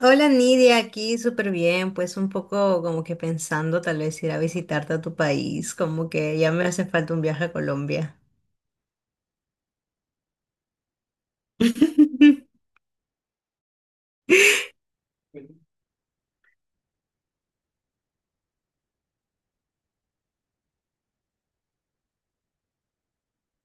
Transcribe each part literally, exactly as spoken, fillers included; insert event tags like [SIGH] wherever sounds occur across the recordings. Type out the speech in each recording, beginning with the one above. Hola Nidia, aquí súper bien, pues un poco como que pensando tal vez ir a visitarte a tu país, como que ya me hace falta un viaje a Colombia. [LAUGHS]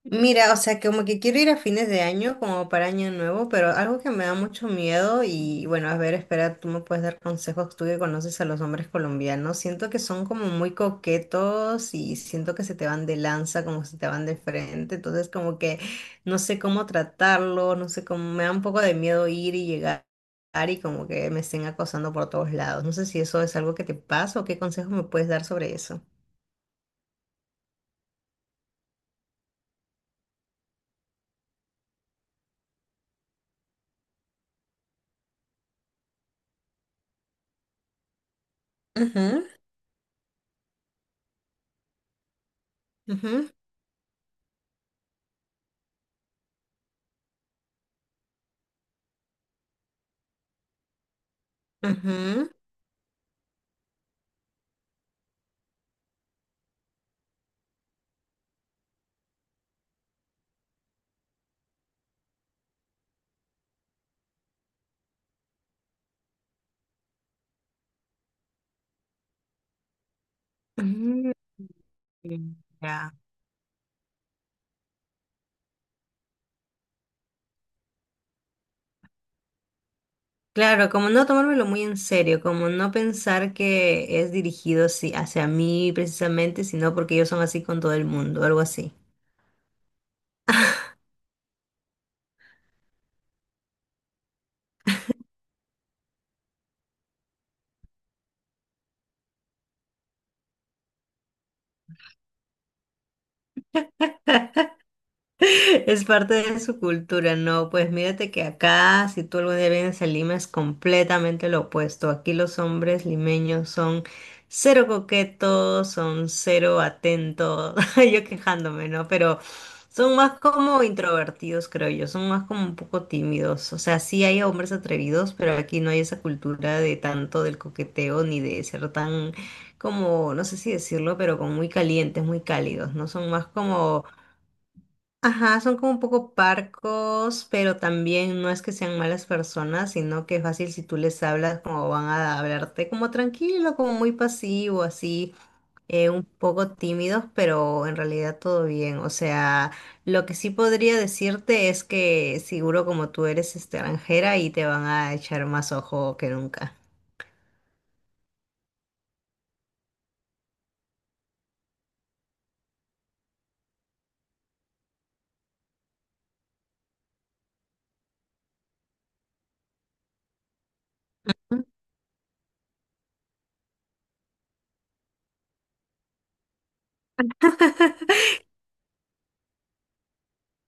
Mira, o sea, como que quiero ir a fines de año, como para año nuevo, pero algo que me da mucho miedo y bueno, a ver, espera, tú me puedes dar consejos, tú que conoces a los hombres colombianos, siento que son como muy coquetos y siento que se te van de lanza, como se te van de frente, entonces como que no sé cómo tratarlo, no sé cómo, me da un poco de miedo ir y llegar y como que me estén acosando por todos lados, no sé si eso es algo que te pasa o qué consejos me puedes dar sobre eso. Ujú. Ujú, ujú, ujú. Mm, ya. Claro, como no tomármelo muy en serio, como no pensar que es dirigido, sí, hacia mí precisamente, sino porque ellos son así con todo el mundo, algo así. Es parte de su cultura. No, pues mírate que acá, si tú algún día vienes a Lima, es completamente lo opuesto. Aquí los hombres limeños son cero coquetos, son cero atentos, [LAUGHS] yo quejándome, ¿no? Pero son más como introvertidos, creo yo, son más como un poco tímidos. O sea, sí hay hombres atrevidos, pero aquí no hay esa cultura de tanto del coqueteo ni de ser tan como, no sé si decirlo, pero como muy calientes, muy cálidos, ¿no? Son más como... Ajá, son como un poco parcos, pero también no es que sean malas personas, sino que es fácil si tú les hablas como van a hablarte, como tranquilo, como muy pasivo, así, eh, un poco tímidos, pero en realidad todo bien. O sea, lo que sí podría decirte es que seguro como tú eres extranjera y te van a echar más ojo que nunca.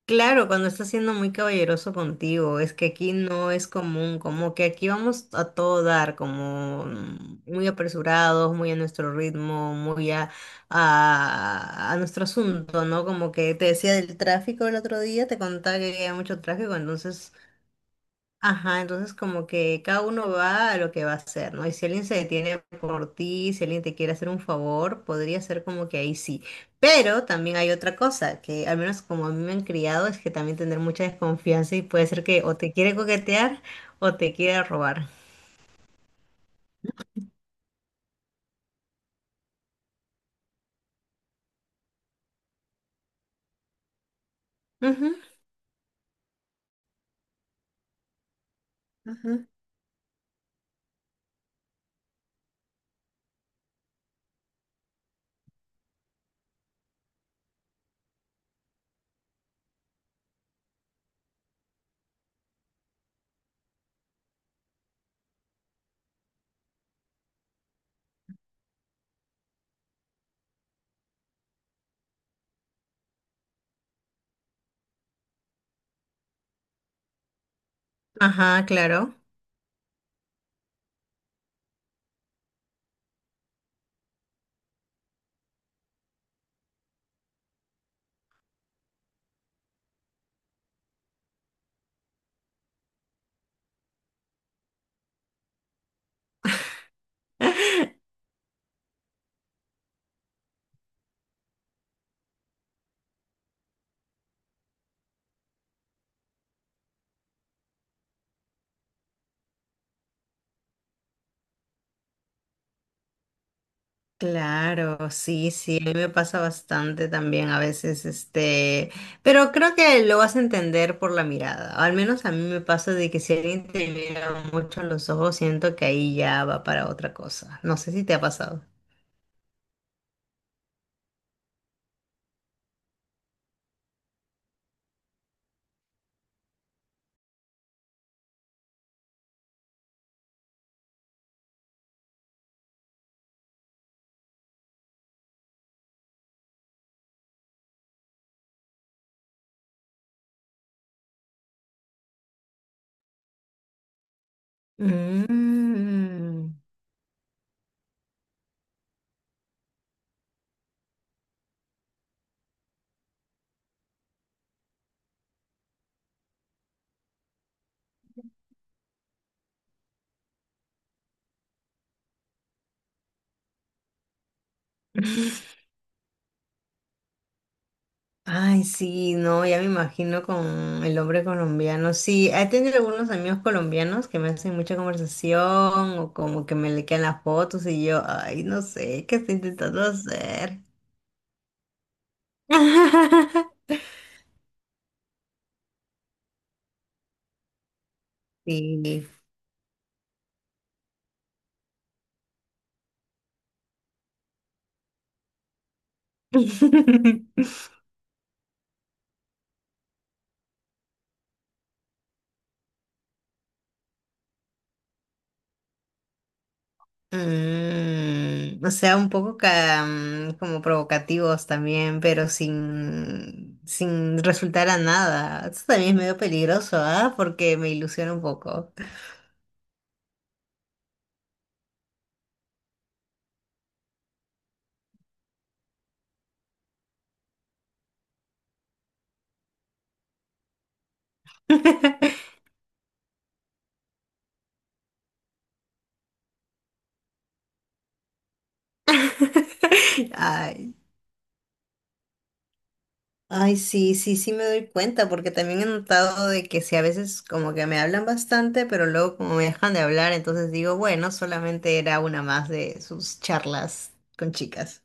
Claro, cuando está siendo muy caballeroso contigo, es que aquí no es común, como que aquí vamos a todo dar, como mm, muy apresurados, muy a nuestro ritmo, muy a, a, a nuestro asunto, ¿no? Como que te decía del tráfico el otro día, te contaba que había mucho tráfico, entonces... Ajá, entonces como que cada uno va a lo que va a hacer, ¿no? Y si alguien se detiene por ti, si alguien te quiere hacer un favor, podría ser como que ahí sí. Pero también hay otra cosa, que al menos como a mí me han criado, es que también tener mucha desconfianza, y puede ser que o te quiere coquetear o te quiere robar. Ujú. Ajá. Ajá, claro. [LAUGHS] Claro, sí, sí, a mí me pasa bastante también a veces, este, pero creo que lo vas a entender por la mirada, al menos a mí me pasa de que si alguien te mira mucho a los ojos, siento que ahí ya va para otra cosa, no sé si te ha pasado. Mm. Ay, sí, no, ya me imagino con el hombre colombiano. Sí, he tenido algunos amigos colombianos que me hacen mucha conversación o como que me le quedan las fotos y yo, ay, no sé, ¿qué estoy intentando hacer? [LAUGHS] Sí. [LAUGHS] Mm, o sea, un poco ca- mm, como provocativos también, pero sin, sin resultar a nada. Eso también es medio peligroso, ¿ah? Porque me ilusiona un poco. [LAUGHS] Ay, ay, sí, sí, sí me doy cuenta, porque también he notado de que si a veces como que me hablan bastante, pero luego como me dejan de hablar, entonces digo, bueno, solamente era una más de sus charlas con chicas.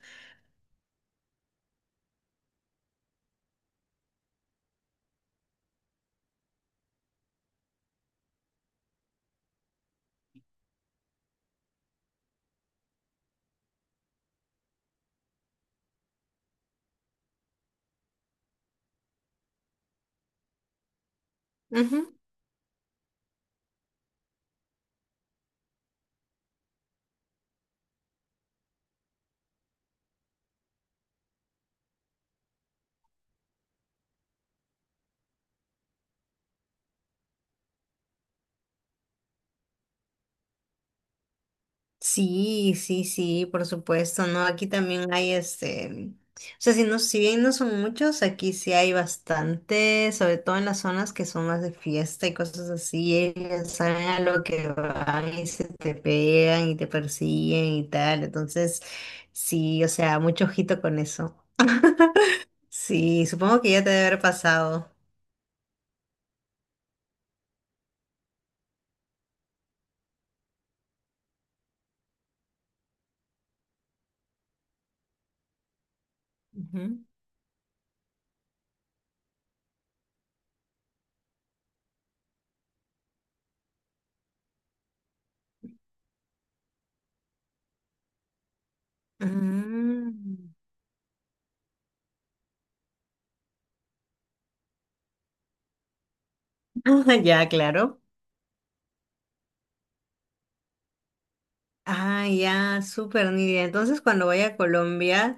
Ujú. Sí, sí, sí, por supuesto, ¿no? Aquí también hay este, o sea, si no, si bien no son muchos, aquí sí hay bastante, sobre todo en las zonas que son más de fiesta y cosas así, ellos saben a lo que van y se te pegan y te persiguen y tal, entonces sí, o sea, mucho ojito con eso. [LAUGHS] Sí, supongo que ya te debe haber pasado. Ujú. Mm. [LAUGHS] Ya, claro. Ah, ya, súper Nidia. Entonces, cuando vaya a Colombia,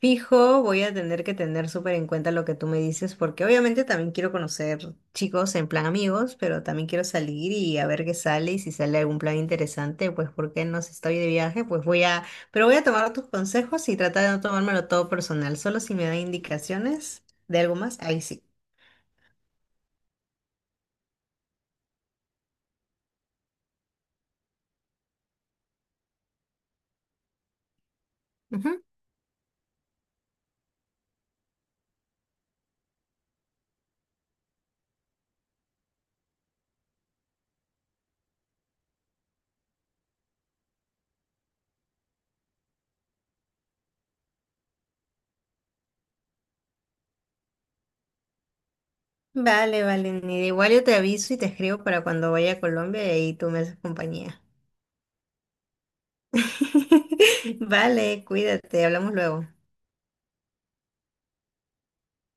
fijo, voy a tener que tener súper en cuenta lo que tú me dices, porque obviamente también quiero conocer chicos en plan amigos, pero también quiero salir y a ver qué sale y si sale algún plan interesante, pues porque no, si estoy de viaje, pues voy a... pero voy a tomar tus consejos y tratar de no tomármelo todo personal, solo si me dan indicaciones de algo más, ahí sí. Ujú. Vale, vale, Nidia. Igual yo te aviso y te escribo para cuando vaya a Colombia y ahí tú me haces compañía. [LAUGHS] Vale, cuídate, hablamos luego.